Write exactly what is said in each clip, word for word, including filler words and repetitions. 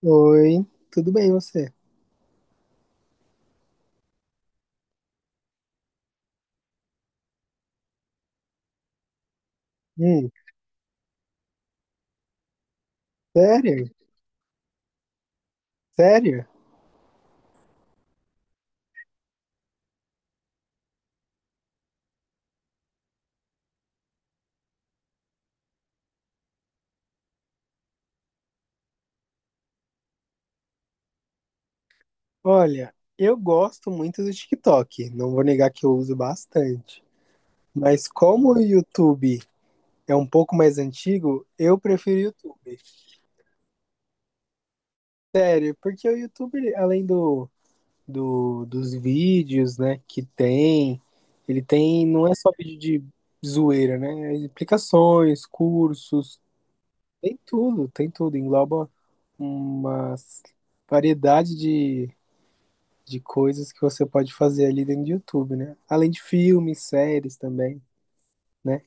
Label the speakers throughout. Speaker 1: Oi, tudo bem você? Hum, sério? Sério? Olha, eu gosto muito do TikTok, não vou negar que eu uso bastante. Mas como o YouTube é um pouco mais antigo, eu prefiro o YouTube. Sério, porque o YouTube, além do, do, dos vídeos, né, que tem, ele tem, não é só vídeo de zoeira, né? É explicações, cursos, tem tudo, tem tudo, engloba uma variedade de de coisas que você pode fazer ali dentro do YouTube, né? Além de filmes, séries também, né?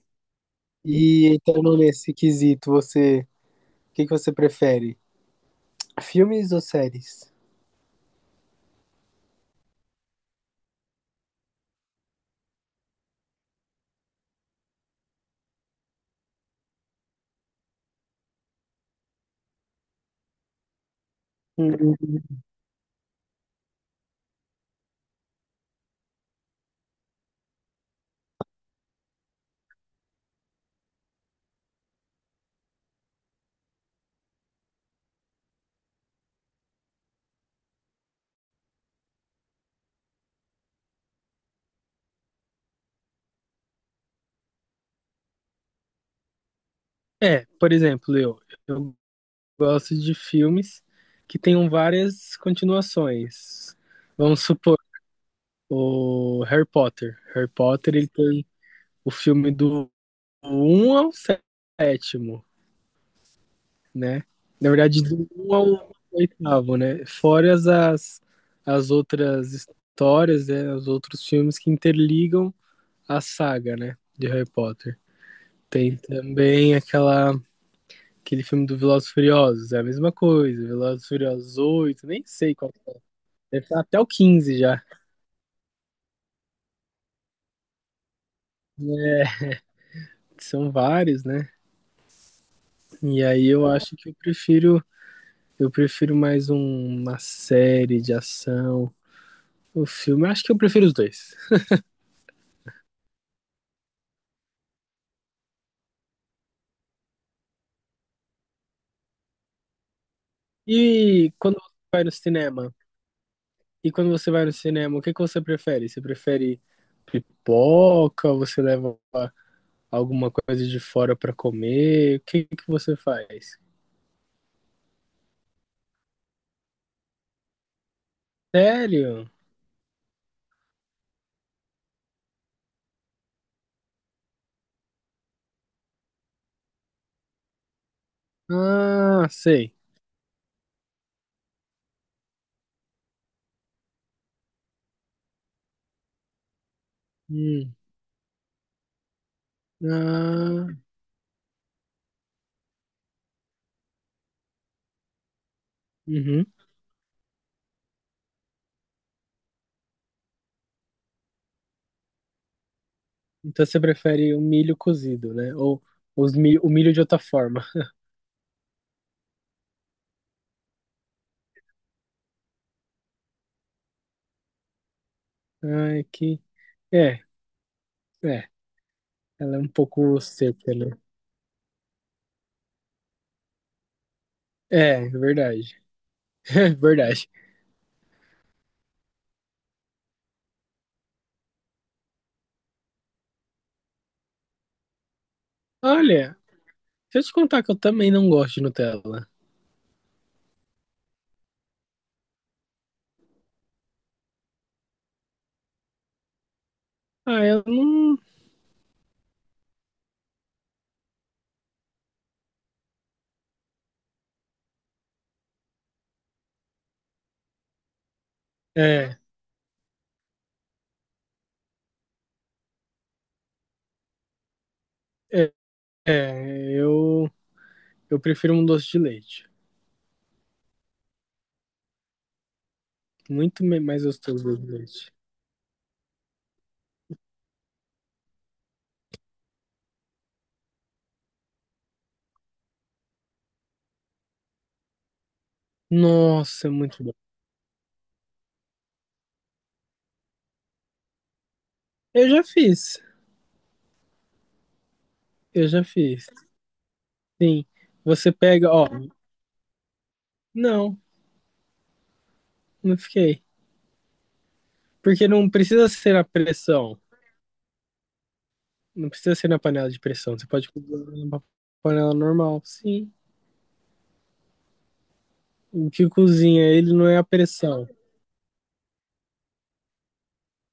Speaker 1: E entrando nesse quesito, você, o que que você prefere? Filmes ou séries? Hum, É, por exemplo, eu, eu gosto de filmes que tenham várias continuações. Vamos supor, o Harry Potter. Harry Potter, ele tem o filme do um ao sétimo. Né? Na verdade, do um ao oitavo, né? Fora as, as, as outras histórias, né? Os outros filmes que interligam a saga, né? De Harry Potter. Tem também aquela, aquele filme do Velozes e Furiosos, é a mesma coisa. Velozes e Furiosos oito nem sei qual que é. Deve estar até o quinze já. Né? São vários, né? E aí eu acho que eu prefiro. Eu prefiro mais um- uma série de ação. O filme, eu acho que eu prefiro os dois. E quando você vai no cinema? E quando você vai no cinema, o que que você prefere? Você prefere pipoca? Você leva alguma coisa de fora pra comer? O que que você faz? Sério? Ah, sei. Hum. Ah, uhum. Então você prefere o milho cozido, né? Ou os mi- o milho de outra forma. Ai, que. É, é. Ela é um pouco seca, né? É, verdade. É verdade. Olha, deixa eu te contar que eu também não gosto de Nutella. Ah, eu não. É, é, é, eu, eu prefiro um doce de leite. Muito me- mais gostoso doce de leite. Nossa, é muito bom. Eu já fiz. Eu já fiz. Sim. Você pega, ó. Não, não fiquei. Porque não precisa ser a pressão. Não precisa ser na panela de pressão. Você pode cozinhar numa panela normal. Sim. O que cozinha ele não é a pressão.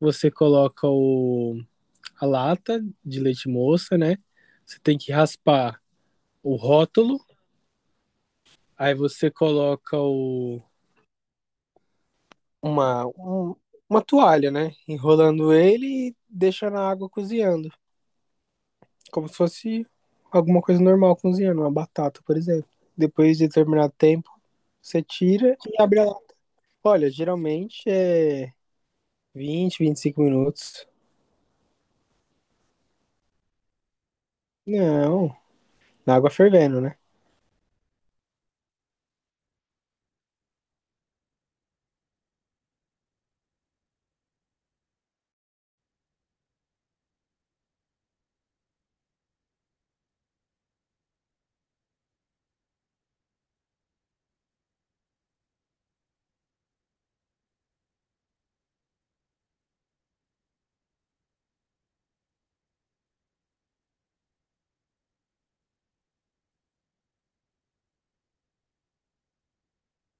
Speaker 1: Você coloca o, a lata de leite moça, né? Você tem que raspar o rótulo, aí você coloca o. Uma, um- uma toalha, né? Enrolando ele e deixa na água cozinhando. Como se fosse alguma coisa normal cozinhando, uma batata, por exemplo. Depois de determinado tempo, você tira e abre a. Olha, geralmente é vinte vinte e cinco minutos. Não, na água fervendo, né?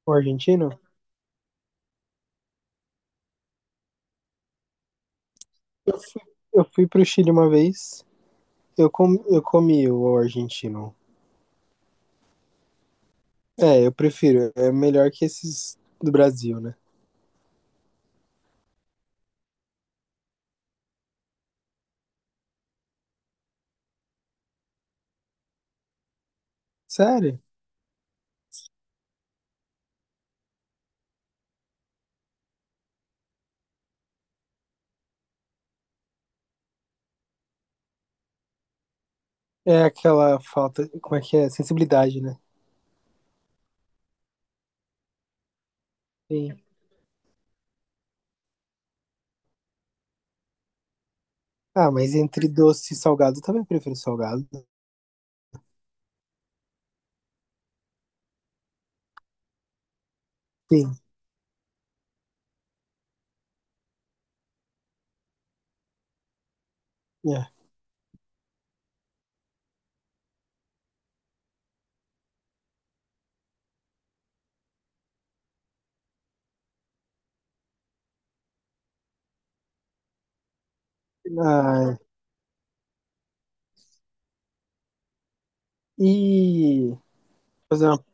Speaker 1: O argentino? Eu fui, eu fui pro Chile uma vez. Eu, com, eu comi o argentino. É, eu prefiro. É melhor que esses do Brasil, né? Sério? É aquela falta. Como é que é? Sensibilidade, né? Sim. Ah, mas entre doce e salgado, eu também prefiro salgado. Sim. É. Ah, e fazer uma,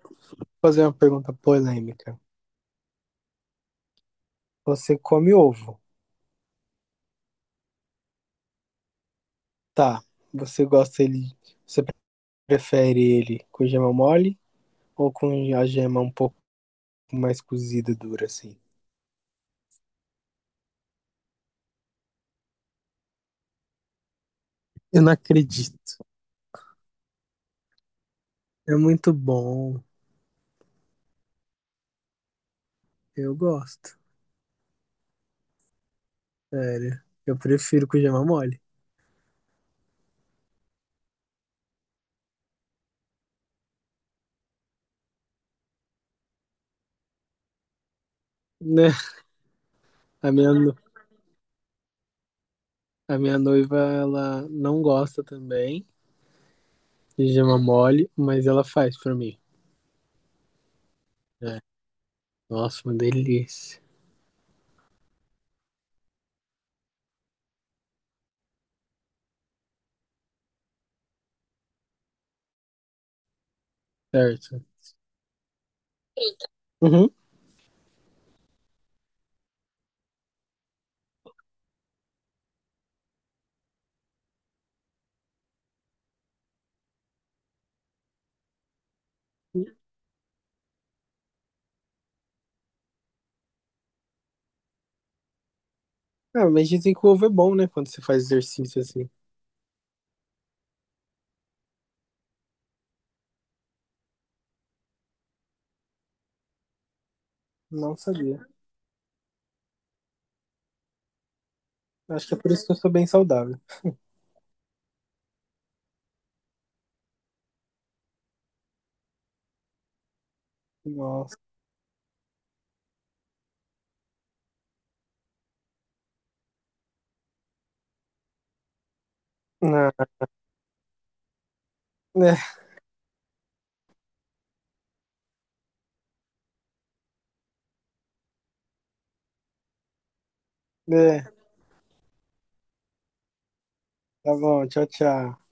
Speaker 1: fazer uma pergunta polêmica. Você come ovo, tá? Você gosta ele. Você prefere ele com gema mole ou com a gema um pouco mais cozida, dura, assim? Eu não acredito. É muito bom. Eu gosto. Sério. Eu prefiro com gema mole. Né? A minha, no- a minha noiva, ela não gosta também de gema mole, mas ela faz pra mim. É. Nossa, uma delícia. Certo. Uhum. Ah, mas dizem que o ovo é bom, né? Quando você faz exercício assim. Não sabia. Acho que é por isso que eu sou bem saudável. Nossa. Ah, né? Né. Tá bom, tchau, tchau.